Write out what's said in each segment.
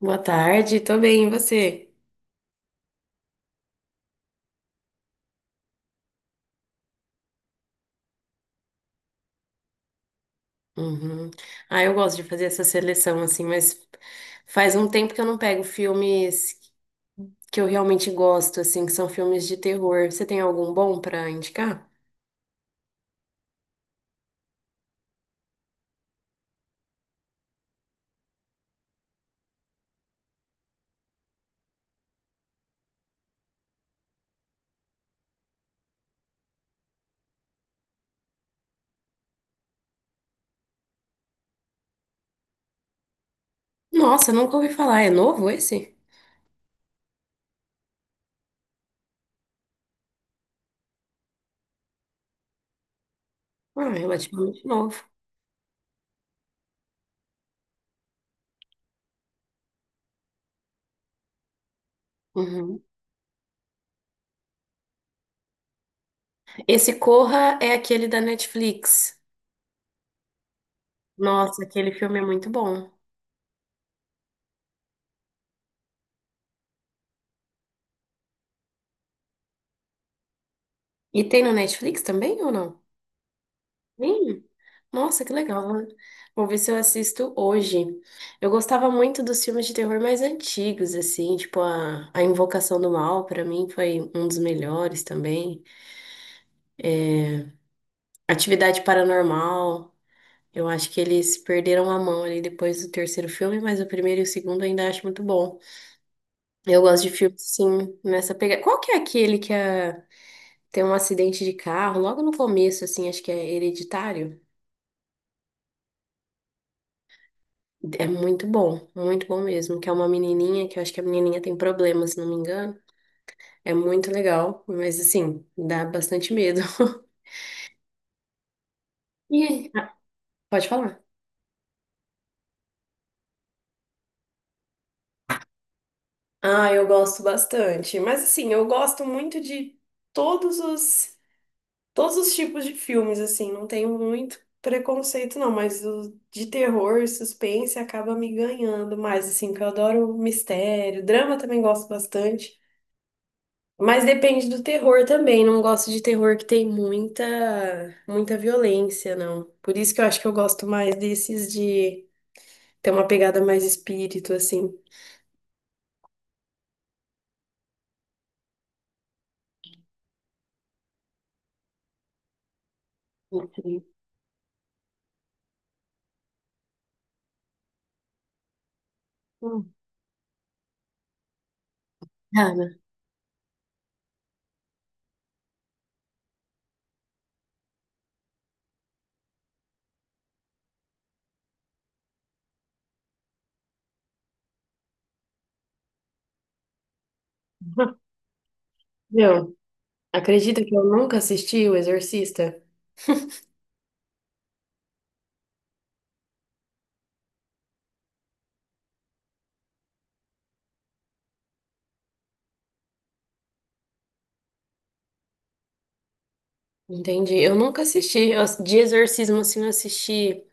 Boa tarde, tô bem, e você? Uhum. Ah, eu gosto de fazer essa seleção, assim, mas faz um tempo que eu não pego filmes que eu realmente gosto, assim, que são filmes de terror. Você tem algum bom pra indicar? Nossa, nunca ouvi falar. É novo esse? Ah, é relativamente novo. Uhum. Esse Corra é aquele da Netflix. Nossa, aquele filme é muito bom. E tem no Netflix também ou não? Tem? Nossa, que legal, né? Vou ver se eu assisto hoje. Eu gostava muito dos filmes de terror mais antigos, assim, tipo a Invocação do Mal, pra mim foi um dos melhores também. Atividade Paranormal, eu acho que eles perderam a mão ali depois do terceiro filme, mas o primeiro e o segundo eu ainda acho muito bom. Eu gosto de filmes, assim, nessa pegada. Qual que é aquele tem um acidente de carro logo no começo, assim, acho que é Hereditário? É muito bom mesmo. Que é uma menininha, que eu acho que a menininha tem problema, se não me engano. É muito legal, mas assim, dá bastante medo. E aí? Ah, pode falar. Ah, eu gosto bastante. Mas assim, eu gosto muito de todos os todos os tipos de filmes, assim, não tenho muito preconceito não, mas o de terror, suspense acaba me ganhando mais, assim, que eu adoro mistério, drama também gosto bastante. Mas depende do terror também. Não gosto de terror que tem muita, muita violência, não. Por isso que eu acho que eu gosto mais desses de ter uma pegada mais espírito, assim. Entendi. Hum. Cara, meu, acredita que eu nunca assisti O Exorcista? Entendi. Eu nunca assisti. De exorcismo, assim, eu assisti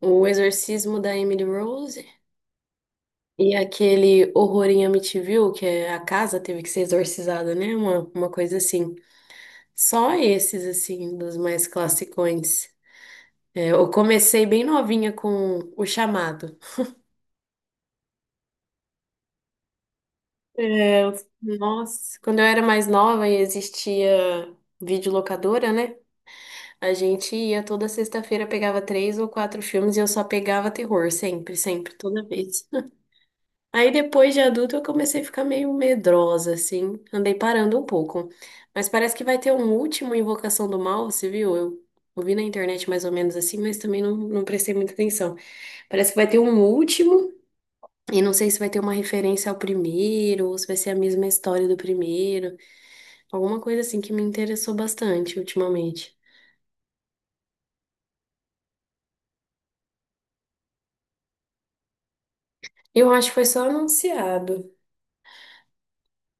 O Exorcismo da Emily Rose e aquele Horror em Amityville, que é a casa teve que ser exorcizada, né? Uma coisa assim. Só esses, assim, dos mais classicões. É, eu comecei bem novinha com O Chamado. É, nossa, quando eu era mais nova e existia videolocadora, né? A gente ia toda sexta-feira, pegava três ou quatro filmes e eu só pegava terror, sempre, sempre, toda vez. Aí depois de adulta eu comecei a ficar meio medrosa, assim, andei parando um pouco. Mas parece que vai ter um último Invocação do Mal, você viu? Eu ouvi na internet mais ou menos assim, mas também não prestei muita atenção. Parece que vai ter um último, e não sei se vai ter uma referência ao primeiro, ou se vai ser a mesma história do primeiro. Alguma coisa assim que me interessou bastante ultimamente. Eu acho que foi só anunciado.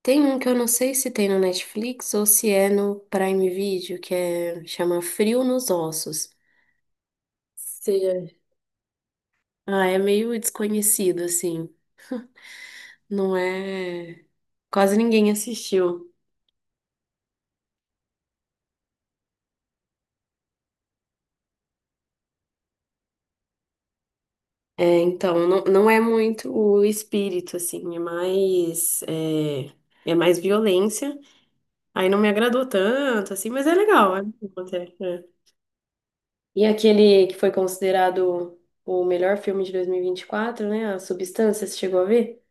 Tem um que eu não sei se tem no Netflix ou se é no Prime Video, que é, chama Frio nos Ossos. Seja, ah, é meio desconhecido, assim. Não é. Quase ninguém assistiu. É, então, não, não é muito o espírito, assim, é mais violência. Aí não me agradou tanto, assim, mas é legal. É, bom até, é. E aquele que foi considerado o melhor filme de dois mil e vinte e quatro, né? A Substância, você chegou a ver?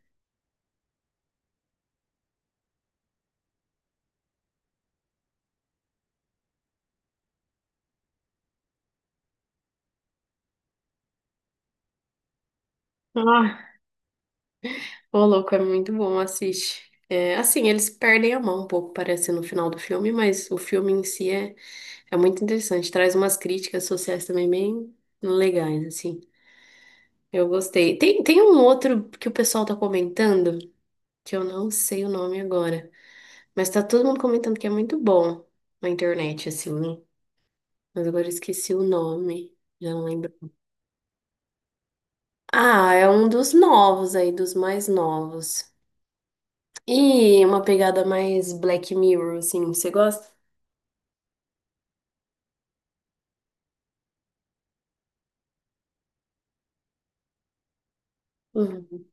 Ah, ô louco, é muito bom, assiste. É, assim, eles perdem a mão um pouco, parece, no final do filme, mas o filme em si é muito interessante. Traz umas críticas sociais também bem legais, assim. Eu gostei. Tem um outro que o pessoal tá comentando, que eu não sei o nome agora, mas tá todo mundo comentando que é muito bom na internet, assim, né? Mas agora eu esqueci o nome, já não lembro. Ah, é um dos novos aí, dos mais novos. E uma pegada mais Black Mirror, assim, você gosta? Uhum.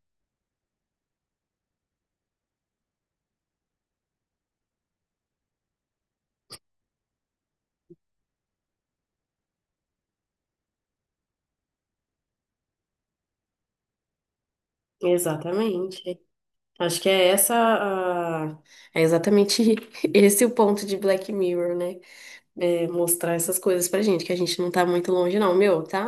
Exatamente. Acho que é essa a... É exatamente esse o ponto de Black Mirror, né? É, mostrar essas coisas pra gente, que a gente não tá muito longe, não. Meu, tá.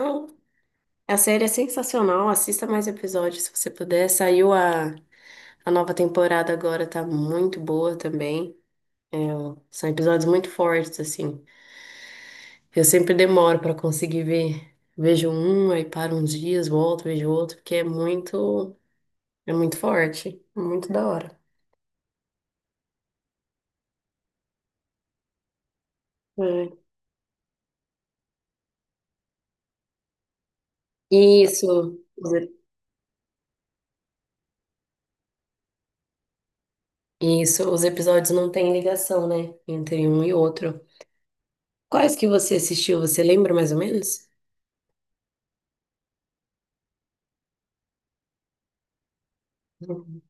A série é sensacional, assista mais episódios se você puder. Saiu a nova temporada agora, tá muito boa também. É, são episódios muito fortes, assim. Eu sempre demoro pra conseguir ver. Vejo um, aí paro uns dias, volto, vejo outro, porque é muito forte, é muito da hora. É. Isso, os e- isso, os episódios não têm ligação, né, entre um e outro. Quais que você assistiu? Você lembra mais ou menos? Não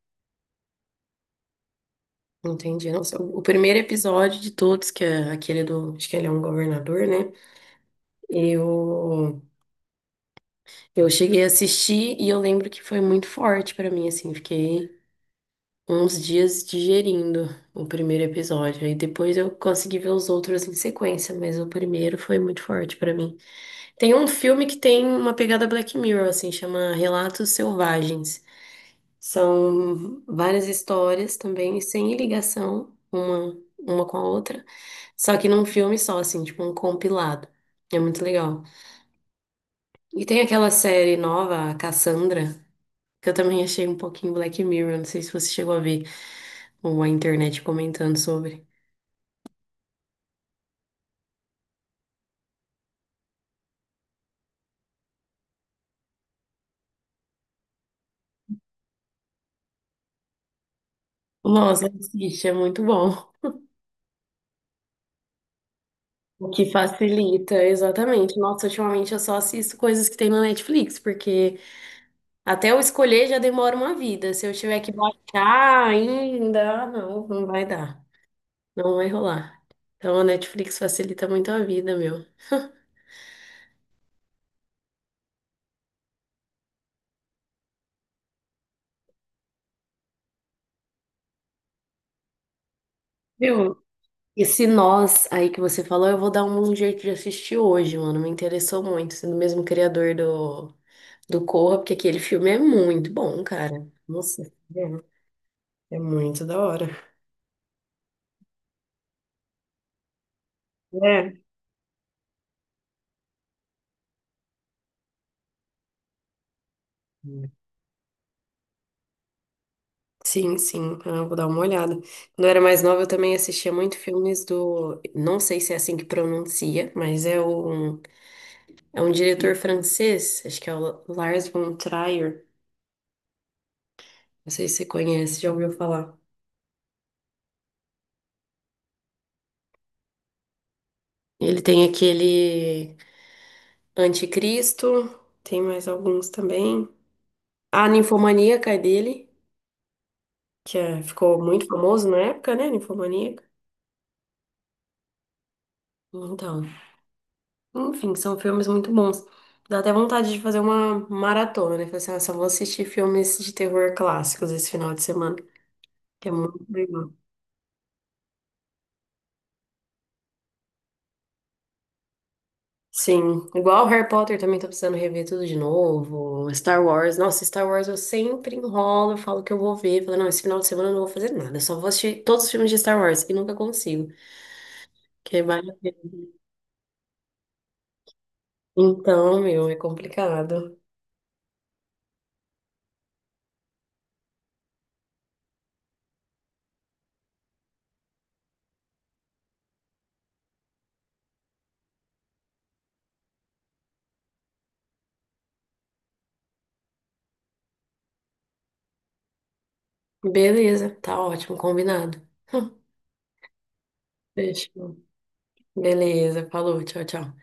não entendi. Nossa, o primeiro episódio de todos, que é aquele do. Acho que ele é um governador, né? Eu, eu cheguei a assistir e eu lembro que foi muito forte pra mim, assim. Fiquei uns dias digerindo o primeiro episódio. E depois eu consegui ver os outros em sequência, mas o primeiro foi muito forte pra mim. Tem um filme que tem uma pegada Black Mirror, assim, chama Relatos Selvagens. São várias histórias também, sem ligação uma com a outra, só que num filme só, assim, tipo um compilado. É muito legal. E tem aquela série nova, a Cassandra, que eu também achei um pouquinho Black Mirror, não sei se você chegou a ver ou a internet comentando sobre. Nossa, assiste, é muito bom. O que facilita, exatamente. Nossa, ultimamente eu só assisto coisas que tem na Netflix, porque até eu escolher já demora uma vida. Se eu tiver que baixar ainda, ah, não, não vai dar. Não vai rolar. Então a Netflix facilita muito a vida, meu. Viu? Esse Nós aí que você falou, eu vou dar um jeito de assistir hoje, mano. Me interessou muito, sendo o mesmo criador do Corra, porque aquele filme é muito bom, cara. Nossa, é, é muito da hora. É. Sim, sim, eu vou dar uma olhada. Quando eu era mais nova, eu também assistia muito filmes do. Não sei se é assim que pronuncia, mas é um diretor francês, acho que é o Lars von Trier. Não sei se você conhece, já ouviu falar. Ele tem aquele Anticristo, tem mais alguns também. A Ninfomaníaca é dele, ficou muito famoso na época, né? Ninfomaníaca. Então. Enfim, são filmes muito bons. Dá até vontade de fazer uma maratona, né? Falar assim, nossa, eu vou assistir filmes de terror clássicos esse final de semana, que é muito legal. Sim, igual Harry Potter também tô precisando rever tudo de novo. Star Wars, nossa, Star Wars eu sempre enrolo, eu falo que eu vou ver, falo, não, esse final de semana eu não vou fazer nada, eu só vou assistir todos os filmes de Star Wars e nunca consigo, que vale a pena. Então, meu, é complicado. Beleza, tá ótimo, combinado. Fechou. Beleza, falou, tchau, tchau.